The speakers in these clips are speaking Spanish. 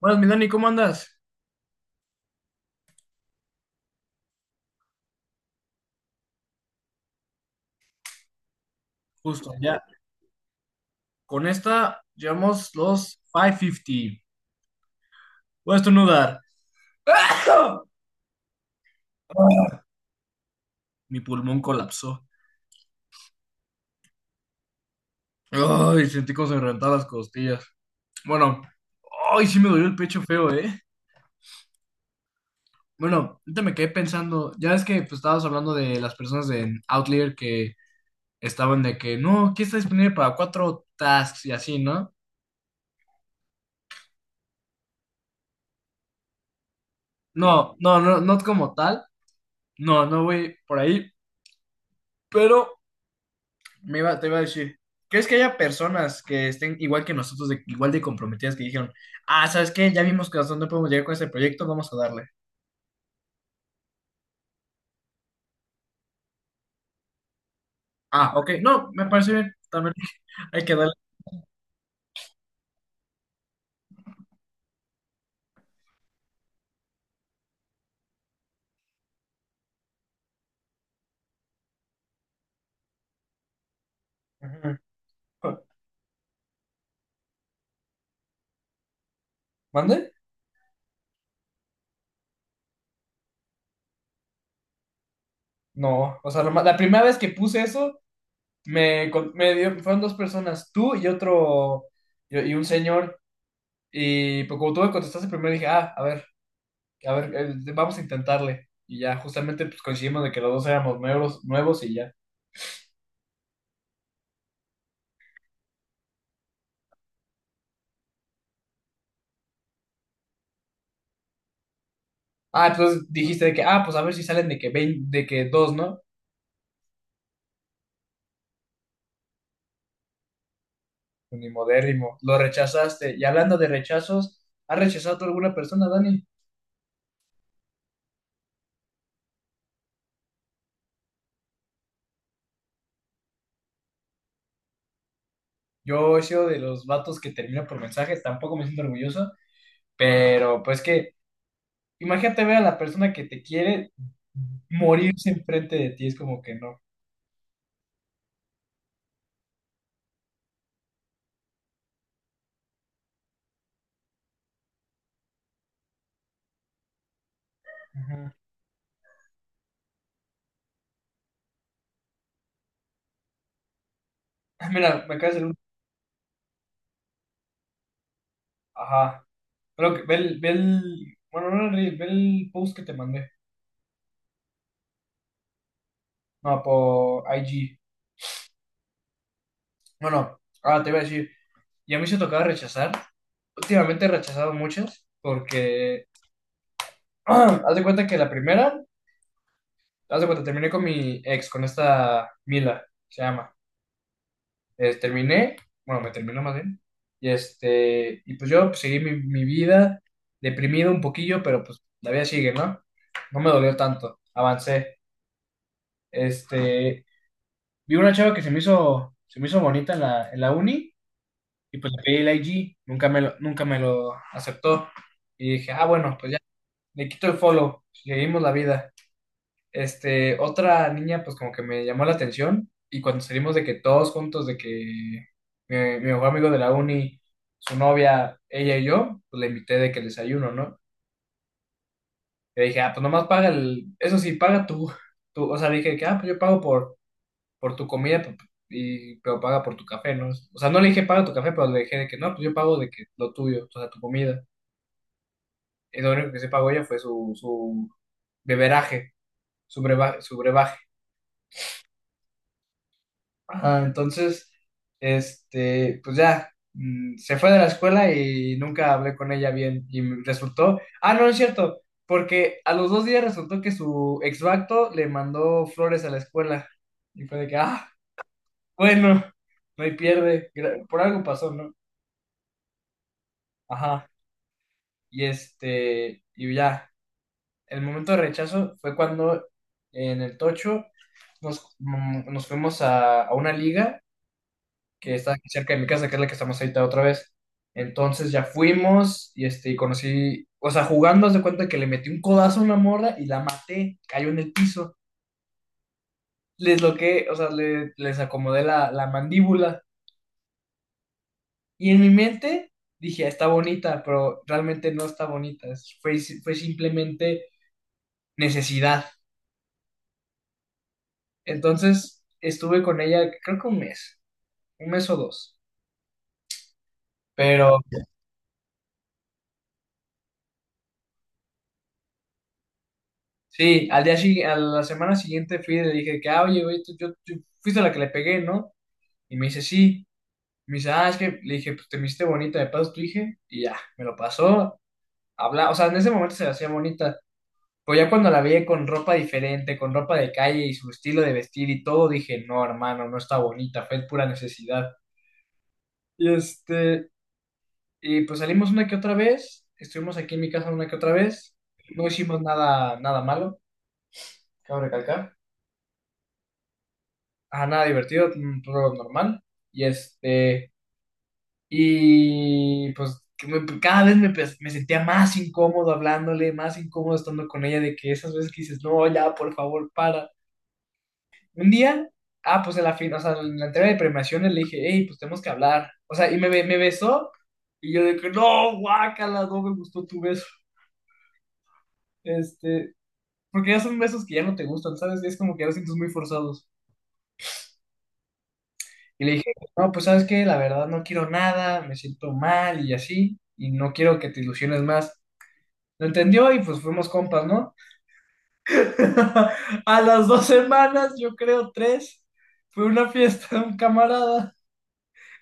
Buenas, mi Dani, ¿cómo andas? Justo, ya. Con esta llevamos los 550. Voy a estornudar. Mi pulmón colapsó. Ay, sentí como se me reventaban las costillas. Bueno, ay, sí me dolió el pecho feo, ¿eh? Bueno, ahorita me quedé pensando. Ya es que pues, estabas hablando de las personas de Outlier que estaban de que no, aquí está disponible para cuatro tasks y así, ¿no? No, no, no, no como tal. No, no voy por ahí. Pero te iba a decir, ¿crees que haya personas que estén igual que nosotros, de, igual de comprometidas, que dijeron, ah, ¿sabes qué? Ya vimos que hasta dónde podemos llegar con este proyecto, vamos a darle. Ah, ok, no, me parece bien, también hay que darle. Ajá. ¿Mande? No, o sea, la primera vez que puse eso, me dio, fueron dos personas, tú y otro, y un señor, y pues, como tú me contestaste primero, dije, ah, a ver, vamos a intentarle. Y ya, justamente, pues coincidimos de que los dos éramos nuevos, nuevos y ya. Ah, entonces dijiste de que, ah, pues a ver si salen de que, de que dos, ¿no? Unimodérrimo, lo rechazaste. Y hablando de rechazos, ¿has rechazado tú alguna persona, Dani? Yo he sido de los vatos que termina por mensajes, tampoco me siento orgulloso, pero pues que, imagínate ver a la persona que te quiere morirse enfrente de ti, es como que no. Ajá. Ah, mira, me acabas de... Ajá. Creo que bueno, no el ve el post que te mandé. No, por IG. Bueno, ahora te voy a decir, y a mí se tocaba rechazar. Últimamente he rechazado muchas porque... Haz de cuenta que la primera, haz de cuenta, terminé con mi ex, con esta Mila, se llama. Terminé, bueno, me terminó más bien. Y este, y pues yo pues, seguí mi vida deprimido un poquillo, pero pues la vida sigue, ¿no? No me dolió tanto, avancé. Este, vi una chava que se me hizo bonita en la uni y pues le pedí el IG, nunca me lo aceptó. Y dije, ah, bueno, pues ya le quito el follow, seguimos la vida. Este, otra niña, pues como que me llamó la atención y cuando salimos de que todos juntos, de que mi mejor amigo de la uni, su novia, ella y yo, pues le invité de que el desayuno, ¿no? Le dije, ah, pues nomás paga el, eso sí, paga tú, tú, o sea, le dije que, ah, pues yo pago por, tu comida, y, pero paga por tu café, ¿no? O sea, no le dije paga tu café, pero le dije de que no, pues yo pago de que lo tuyo, o sea, tu comida. Y lo único que se pagó ella fue su beberaje, su brebaje. Ajá, entonces, este, pues ya, se fue de la escuela y nunca hablé con ella bien y me resultó, ah, no, es cierto, porque a los dos días resultó que su exvacto le mandó flores a la escuela y fue de que, ah, bueno, no hay pierde, por algo pasó, ¿no? Ajá, y este, y ya, el momento de rechazo fue cuando en el Tocho nos fuimos a una liga que está aquí cerca de mi casa, que es la que estamos ahorita otra vez. Entonces ya fuimos y este, y conocí, o sea, jugando, haz de cuenta que le metí un codazo a una morra y la maté, cayó en el piso, les loqué, o sea, les acomodé la mandíbula y en mi mente dije, "Ah, está bonita, pero realmente no está bonita, fue simplemente necesidad. Entonces estuve con ella, creo que un mes o dos. Pero sí, a la semana siguiente fui y le dije que, ah, oye, güey, tú fuiste la que le pegué, ¿no? Y me dice, sí. Me dice, ah, es que le dije, pues te me hiciste bonita, me pasas tu hija. Y ya, me lo pasó. Habla, o sea, en ese momento se la hacía bonita. Pero ya cuando la vi con ropa diferente, con ropa de calle y su estilo de vestir y todo, dije, no, hermano, no está bonita, fue pura necesidad. Y este, y pues salimos una que otra vez, estuvimos aquí en mi casa una que otra vez, no hicimos nada, nada malo, cabe recalcar. Ajá, nada divertido, un rol normal. Y este, y pues que cada vez me sentía más incómodo hablándole, más incómodo estando con ella, de que esas veces que dices, no, ya, por favor, para. Un día, ah, o sea, en la entrega de premiaciones le dije, hey, pues tenemos que hablar. O sea, me besó, y yo de que, no, guácala, no me gustó tu beso. Este, porque ya son besos que ya no te gustan, ¿sabes? Es como que ya los sientes muy forzados. Y le dije, no, pues sabes qué, la verdad no quiero nada, me siento mal y así, y no quiero que te ilusiones más. Lo entendió y pues fuimos compas, ¿no? A las dos semanas, yo creo tres, fue una fiesta de un camarada.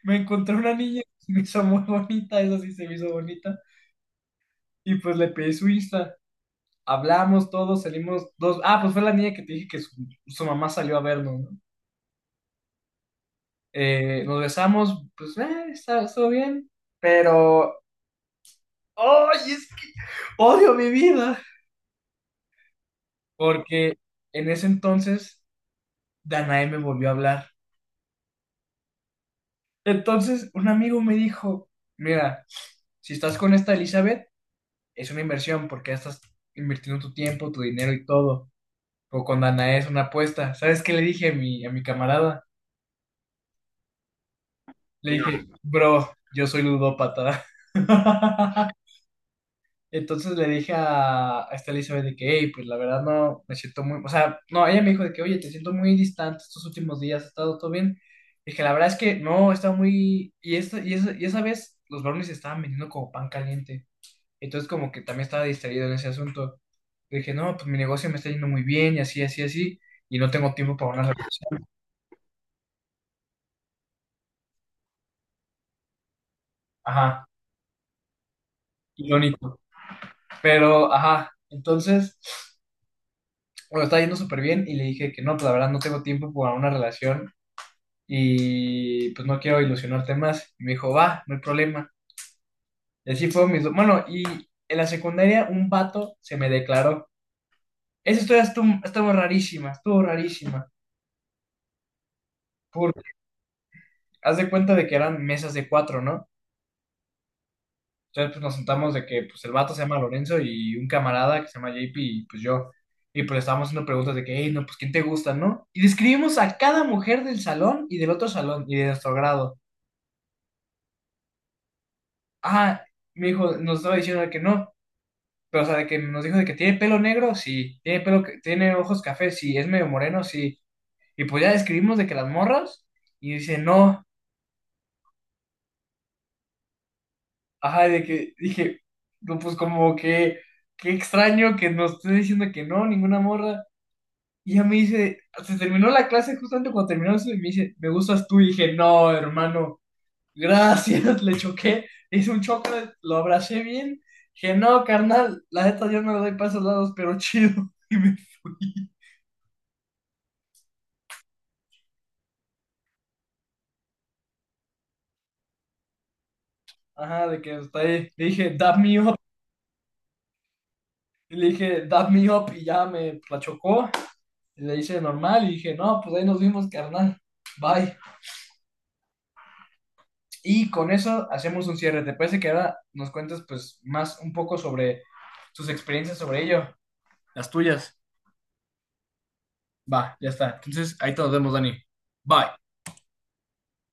Me encontré una niña que se me hizo muy bonita, esa sí se me hizo bonita, y pues le pedí su Insta. Hablamos todos, salimos dos. Ah, pues fue la niña que te dije que su mamá salió a vernos, ¿no? Nos besamos, pues, estuvo bien, pero. Ay, odio mi vida. Porque en ese entonces Danae me volvió a hablar. Entonces un amigo me dijo, mira, si estás con esta Elizabeth, es una inversión porque ya estás invirtiendo tu tiempo, tu dinero y todo. O con Danae es una apuesta. ¿Sabes qué le dije a a mi camarada? Le dije, bro, yo soy ludópata. Entonces le dije a esta Elizabeth de que, hey, pues la verdad no, me siento muy, o sea, no, ella me dijo de que, oye, te siento muy distante estos últimos días, ¿ha estado todo bien? Dije, la verdad es que no, está muy, y esa vez los brownies estaban vendiendo como pan caliente, entonces como que también estaba distraído en ese asunto. Le dije, no, pues mi negocio me está yendo muy bien y así, así, así, y no tengo tiempo para una relación. Ajá, irónico, pero, ajá, entonces, bueno, estaba yendo súper bien y le dije que no, pues la verdad no tengo tiempo para una relación y pues no quiero ilusionarte más. Y me dijo, va, no hay problema. Y así fue bueno, y en la secundaria un vato se me declaró. Esa historia estuvo, estuvo rarísima, estuvo rarísima. Porque haz de cuenta de que eran mesas de cuatro, ¿no? Entonces pues nos sentamos de que pues el vato se llama Lorenzo y un camarada que se llama JP y pues yo. Y pues le estábamos haciendo preguntas de que, hey, no, pues ¿quién te gusta, no? Y describimos a cada mujer del salón y del otro salón y de nuestro grado. Ah, mi hijo nos estaba diciendo que no, pero, o sea, de que nos dijo de que tiene pelo negro, sí. Tiene ojos café, sí. Es medio moreno, sí. Y pues ya describimos de que las morras, y dice, no. Ajá, de que dije, no, pues como que, qué extraño que nos esté diciendo que no, ninguna morra. Y ya me dice, se terminó la clase justamente cuando terminó eso, y me dice, me gustas tú. Y dije, no, hermano, gracias, le choqué. Hice un choque, lo abracé bien. Dije, no, carnal, la neta yo no le doy pasos lados, pero chido. Y me fui. Ajá, de que está ahí. Le dije, dab me up. Y le dije, dab me up. Y ya me la chocó. Y le hice normal. Y dije, no, pues ahí nos vimos, carnal. Bye. Y con eso hacemos un cierre. ¿Te parece que ahora nos cuentes, pues, más un poco sobre tus experiencias sobre ello? Las tuyas. Va, ya está. Entonces, ahí te nos vemos, Dani. Bye.